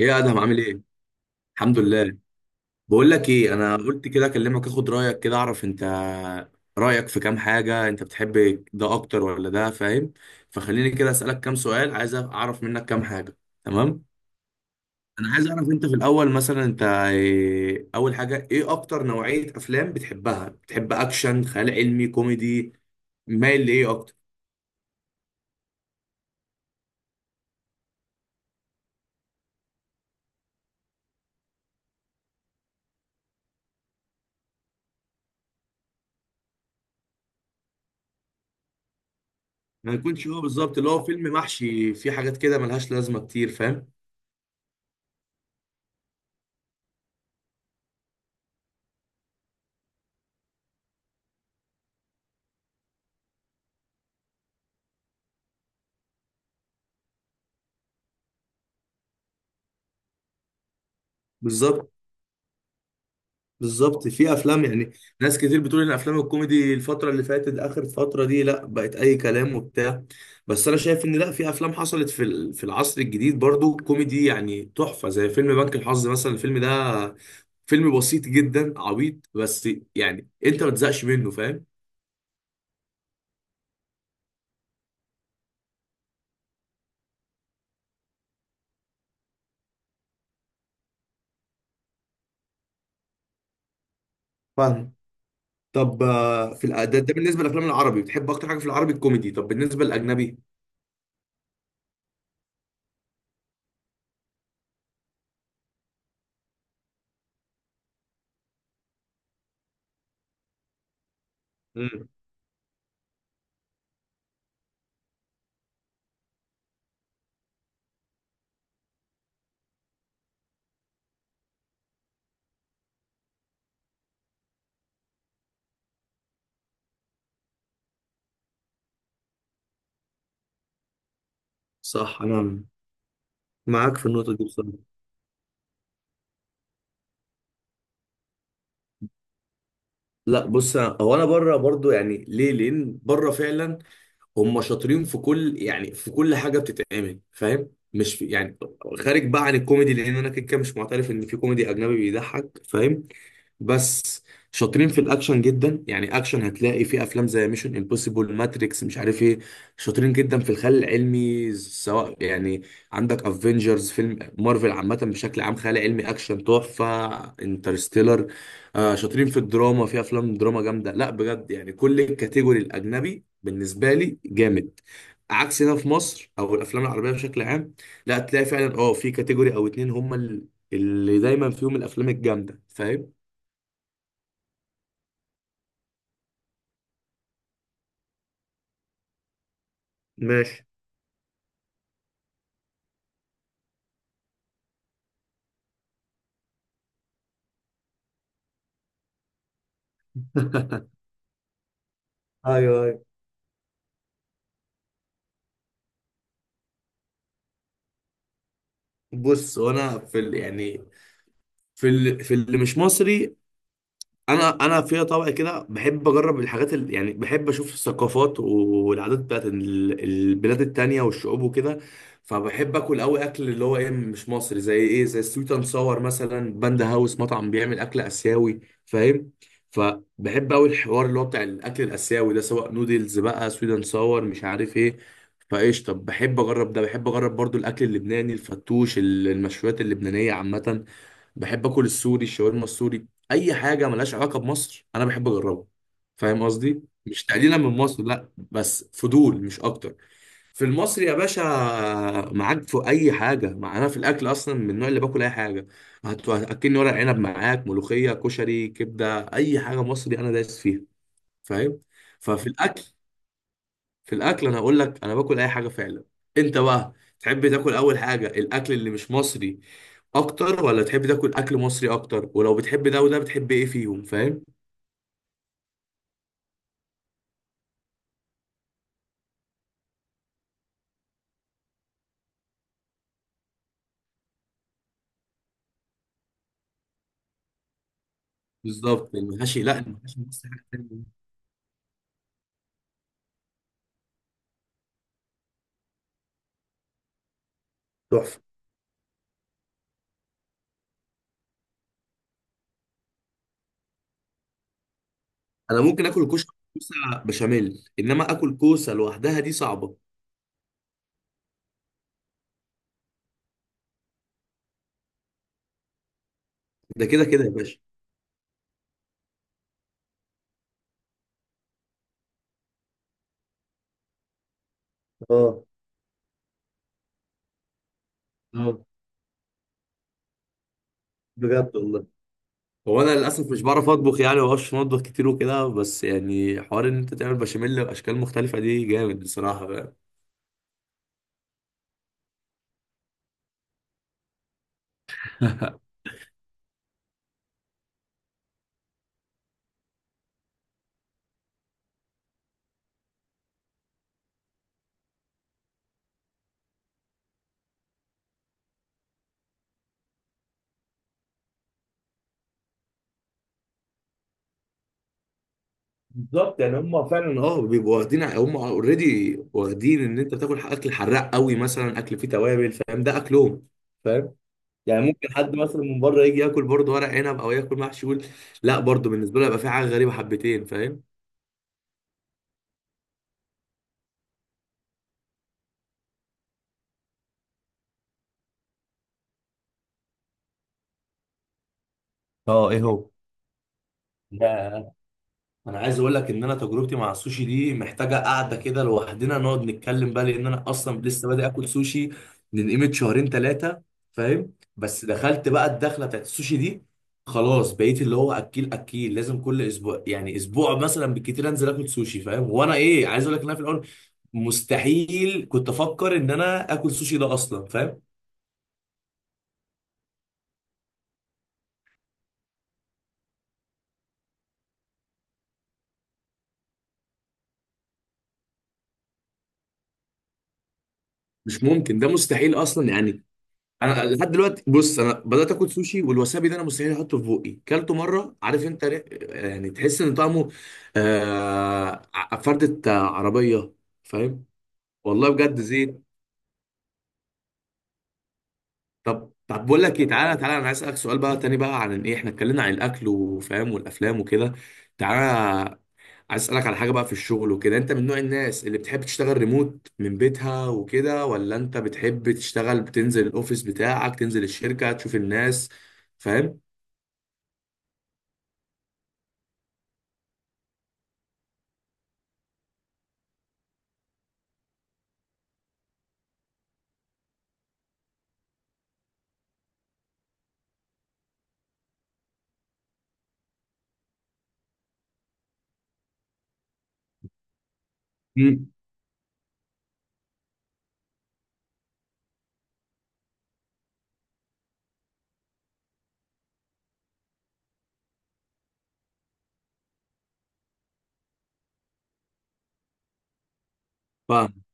ايه يا ادهم، عامل ايه؟ الحمد لله. بقول لك ايه، انا قلت كده اكلمك اخد رايك، كده اعرف انت رايك في كام حاجه، انت بتحب ده اكتر ولا ده، فاهم؟ فخليني كده اسالك كام سؤال، عايز اعرف منك كام حاجه. تمام، انا عايز اعرف انت في الاول مثلا انت إيه، اول حاجه ايه اكتر نوعيه افلام بتحبها؟ بتحب اكشن، خيال علمي، كوميدي؟ مايل لايه اكتر؟ ما يكونش هو بالظبط اللي هو فيلم محشي فيه حاجات كده ملهاش لازمه كتير، فاهم؟ بالظبط، بالظبط. في افلام يعني ناس كتير بتقول ان افلام الكوميدي الفتره اللي فاتت، اخر فتره دي، لا بقت اي كلام وبتاع، بس انا شايف ان لا، في افلام حصلت في العصر الجديد برضو كوميدي يعني تحفه، زي فيلم بنك الحظ مثلا، الفيلم ده فيلم بسيط جدا عبيط، بس يعني انت ما تزهقش منه، فاهم؟ فاهم. طب في ده بالنسبه للافلام العربي بتحب اكتر حاجه في العربي الكوميدي، طب بالنسبه للاجنبي؟ امم. صح، انا معاك في النقطه دي بصراحه. لا بص، هو انا بره برضو، يعني ليه؟ لان بره فعلا هم شاطرين في كل، يعني في كل حاجه بتتعمل، فاهم؟ مش في يعني، خارج بقى عن الكوميدي، لان انا كده كده مش معترف ان في كوميدي اجنبي بيضحك، فاهم؟ بس شاطرين في الاكشن جدا، يعني اكشن هتلاقي في افلام زي ميشن امبوسيبل، ماتريكس، مش عارف ايه. شاطرين جدا في الخيال العلمي، سواء يعني عندك افنجرز، فيلم مارفل عامه بشكل عام، خيال علمي اكشن تحفه، انترستيلر. آه شاطرين في الدراما، في افلام دراما جامده، لا بجد يعني كل الكاتيجوري الاجنبي بالنسبه لي جامد، عكس هنا في مصر او الافلام العربيه بشكل عام، لا تلاقي فعلا اه في كاتيجوري او اتنين هم اللي دايما فيهم الافلام الجامده، فاهم؟ ماشي. ايوه ايوه. بص، يعني في اللي مش مصري، انا في طبع كده بحب اجرب الحاجات اللي يعني بحب اشوف الثقافات والعادات بتاعت البلاد التانية والشعوب وكده، فبحب اكل قوي اكل اللي هو ايه مش مصري، زي ايه، زي سويت اند صور مثلا، باندا هاوس، مطعم بيعمل اكل اسيوي، فاهم؟ فبحب قوي الحوار اللي هو بتاع الاكل الاسيوي ده، سواء نودلز بقى، سويت اند صور، مش عارف ايه. فايش، طب بحب اجرب ده، بحب اجرب برضو الاكل اللبناني، الفتوش، المشويات اللبنانية عامة، بحب اكل السوري، الشاورما السوري. اي حاجه ملهاش علاقه بمصر انا بحب اجربها، فاهم قصدي؟ مش تقليلا من مصر لا، بس فضول مش اكتر. في المصري يا باشا، معاك في اي حاجه، مع انا في الاكل اصلا من النوع اللي باكل اي حاجه، هتاكلني ورق عنب معاك، ملوخيه، كشري، كبده، اي حاجه مصري انا دايس فيها، فاهم؟ ففي الاكل، في الاكل انا اقول لك انا باكل اي حاجه فعلا. انت بقى تحب تاكل اول حاجه الاكل اللي مش مصري اكتر، ولا تحب تاكل اكل مصري اكتر؟ ولو بتحب ده وده بتحب ايه فيهم، فاهم؟ بالظبط. المحاشي لا، المحاشي بص حاجه تانية. تحفه. انا ممكن اكل كوشه، كوسه بشاميل، انما اكل كوسه لوحدها دي صعبه. ده كده كده يا باشا. اه. اه، بجد والله. هو انا للاسف مش بعرف اطبخ، يعني ما بعرفش اطبخ كتير وكده، بس يعني حوار ان انت تعمل بشاميل باشكال مختلفه دي جامد بصراحه بقى. بالظبط. يعني هم فعلا اه بيبقوا واخدين، هم اوريدي واخدين ان انت بتاكل اكل حراق قوي مثلا، اكل فيه توابل، فاهم؟ ده اكلهم، فاهم؟ يعني ممكن حد مثلا من بره يجي ياكل برضه ورق عنب او ياكل محشي، يقول لا برضه بالنسبه له يبقى في حاجه غريبه حبتين، فاهم؟ اه، ايه هو ده. انا عايز اقول لك ان انا تجربتي مع السوشي دي محتاجه قعده كده لوحدنا نقعد نتكلم بقى، لان انا اصلا لسه بادئ اكل سوشي من قيمه شهرين ثلاثه، فاهم؟ بس دخلت بقى الدخله بتاعت السوشي دي، خلاص بقيت اللي هو اكيل اكيل، لازم كل اسبوع يعني، اسبوع مثلا بالكتير انزل اكل سوشي، فاهم؟ وانا ايه عايز اقول لك ان انا في الاول مستحيل كنت افكر ان انا اكل سوشي ده اصلا، فاهم؟ مش ممكن، ده مستحيل اصلا يعني. انا لحد دلوقتي بص، انا بدات اكل سوشي والوسابي ده انا مستحيل احطه في بقي، كلته مره عارف انت، يعني تحس ان طعمه آه، فردة عربيه، فاهم؟ والله بجد زين. طب طب، بقول لك ايه، تعالى تعالى انا عايز اسالك سؤال بقى تاني بقى، عن ايه، احنا اتكلمنا عن الاكل وفاهم والافلام وكده، تعالى عايز اسالك على حاجه بقى في الشغل وكده، انت من نوع الناس اللي بتحب تشتغل ريموت من بيتها وكده، ولا انت بتحب تشتغل بتنزل الاوفيس بتاعك، تنزل الشركه تشوف الناس، فاهم؟ فاهم.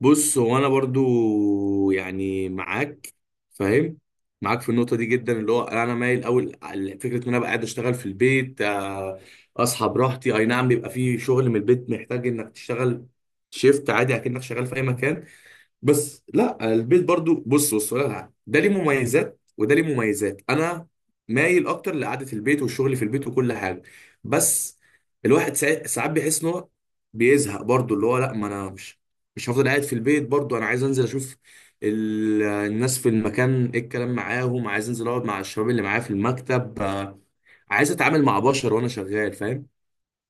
بص هو انا برضو يعني معاك، فاهم؟ معاك في النقطه دي جدا، اللي هو انا مايل اول على فكره ان انا ابقى قاعد اشتغل في البيت اصحى براحتي، اي نعم بيبقى في شغل من البيت محتاج انك تشتغل شيفت عادي اكنك شغال في اي مكان، بس لا البيت برضو، بص ولا لا، ده ليه مميزات وده ليه مميزات، انا مايل اكتر لقعده البيت والشغل في البيت وكل حاجه، بس الواحد ساعات ساعات بيحس ان هو بيزهق برضو، اللي هو لا ما انا مش، مش هفضل قاعد في البيت برضو، انا عايز انزل اشوف الناس في المكان، ايه الكلام معاهم، عايز انزل اقعد مع الشباب اللي معايا في المكتب عايز اتعامل مع بشر وانا شغال، فاهم؟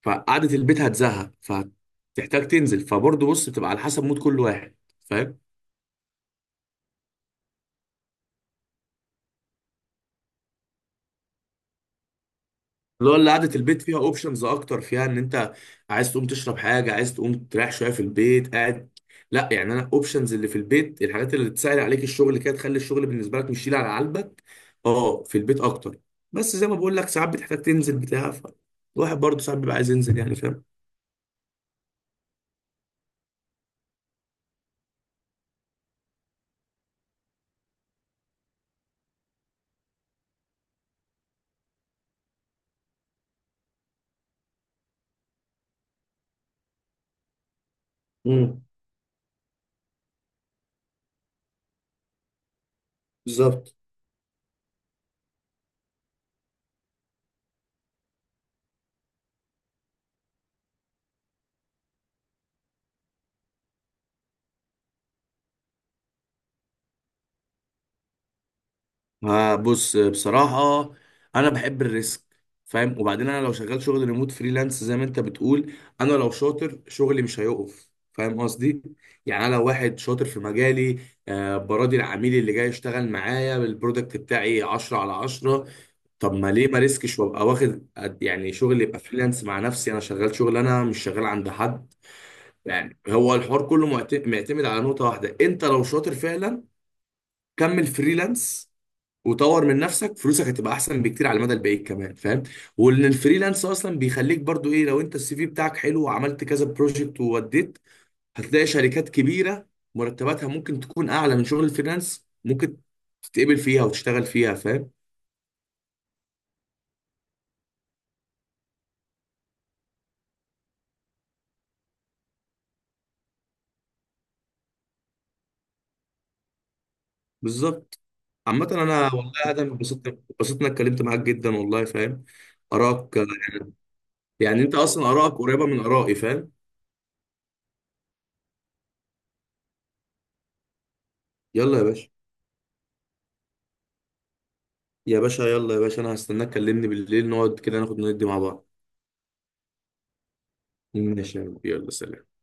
فقعده البيت هتزهق فتحتاج تنزل، فبرضو بص بتبقى على حسب مود كل واحد، فاهم؟ اللي هو اللي قعدة البيت فيها اوبشنز اكتر، فيها ان انت عايز تقوم تشرب حاجة، عايز تقوم تريح شوية في البيت قاعد، لا يعني انا اوبشنز اللي في البيت الحاجات اللي تسهل عليك الشغل كده، تخلي الشغل بالنسبة لك مش شيل على قلبك، اه في البيت اكتر، بس زي ما بقول لك ساعات بتحتاج تنزل بتاع، الواحد برضه ساعات بيبقى عايز ينزل يعني، فاهم؟ امم. بالظبط. آه بص بصراحة، أنا بحب الريسك، فاهم؟ وبعدين أنا لو شغال شغل ريموت فريلانس زي ما أنت بتقول، أنا لو شاطر شغلي مش هيقف، فاهم قصدي؟ يعني أنا لو واحد شاطر في مجالي، آه براضي العميل اللي جاي يشتغل معايا بالبرودكت بتاعي 10 على 10، طب ما ليه ما ريسكش وأبقى واخد يعني شغل يبقى فريلانس مع نفسي، أنا شغال شغل أنا مش شغال عند حد، يعني هو الحوار كله معتمد على نقطة واحدة، أنت لو شاطر فعلا كمل فريلانس، وطور من نفسك، فلوسك هتبقى احسن بكتير على المدى البعيد كمان، فاهم؟ وان الفريلانس اصلا بيخليك برضو ايه، لو انت السي في بتاعك حلو وعملت كذا بروجكت ووديت، هتلاقي شركات كبيره مرتباتها ممكن تكون اعلى من شغل الفريلانس، ممكن تتقبل فيها وتشتغل فيها، فاهم؟ بالظبط. عامة انا والله يا ادم اتبسطت، اتبسطت اني اتكلمت معاك جدا والله، فاهم؟ اراك، يعني انت اصلا ارائك قريبة من ارائي، فاهم؟ يلا يا باشا، يا باشا يلا يا باشا، انا هستناك كلمني بالليل نقعد كده ناخد ندي مع بعض. ماشي يا رب. يلا سلام.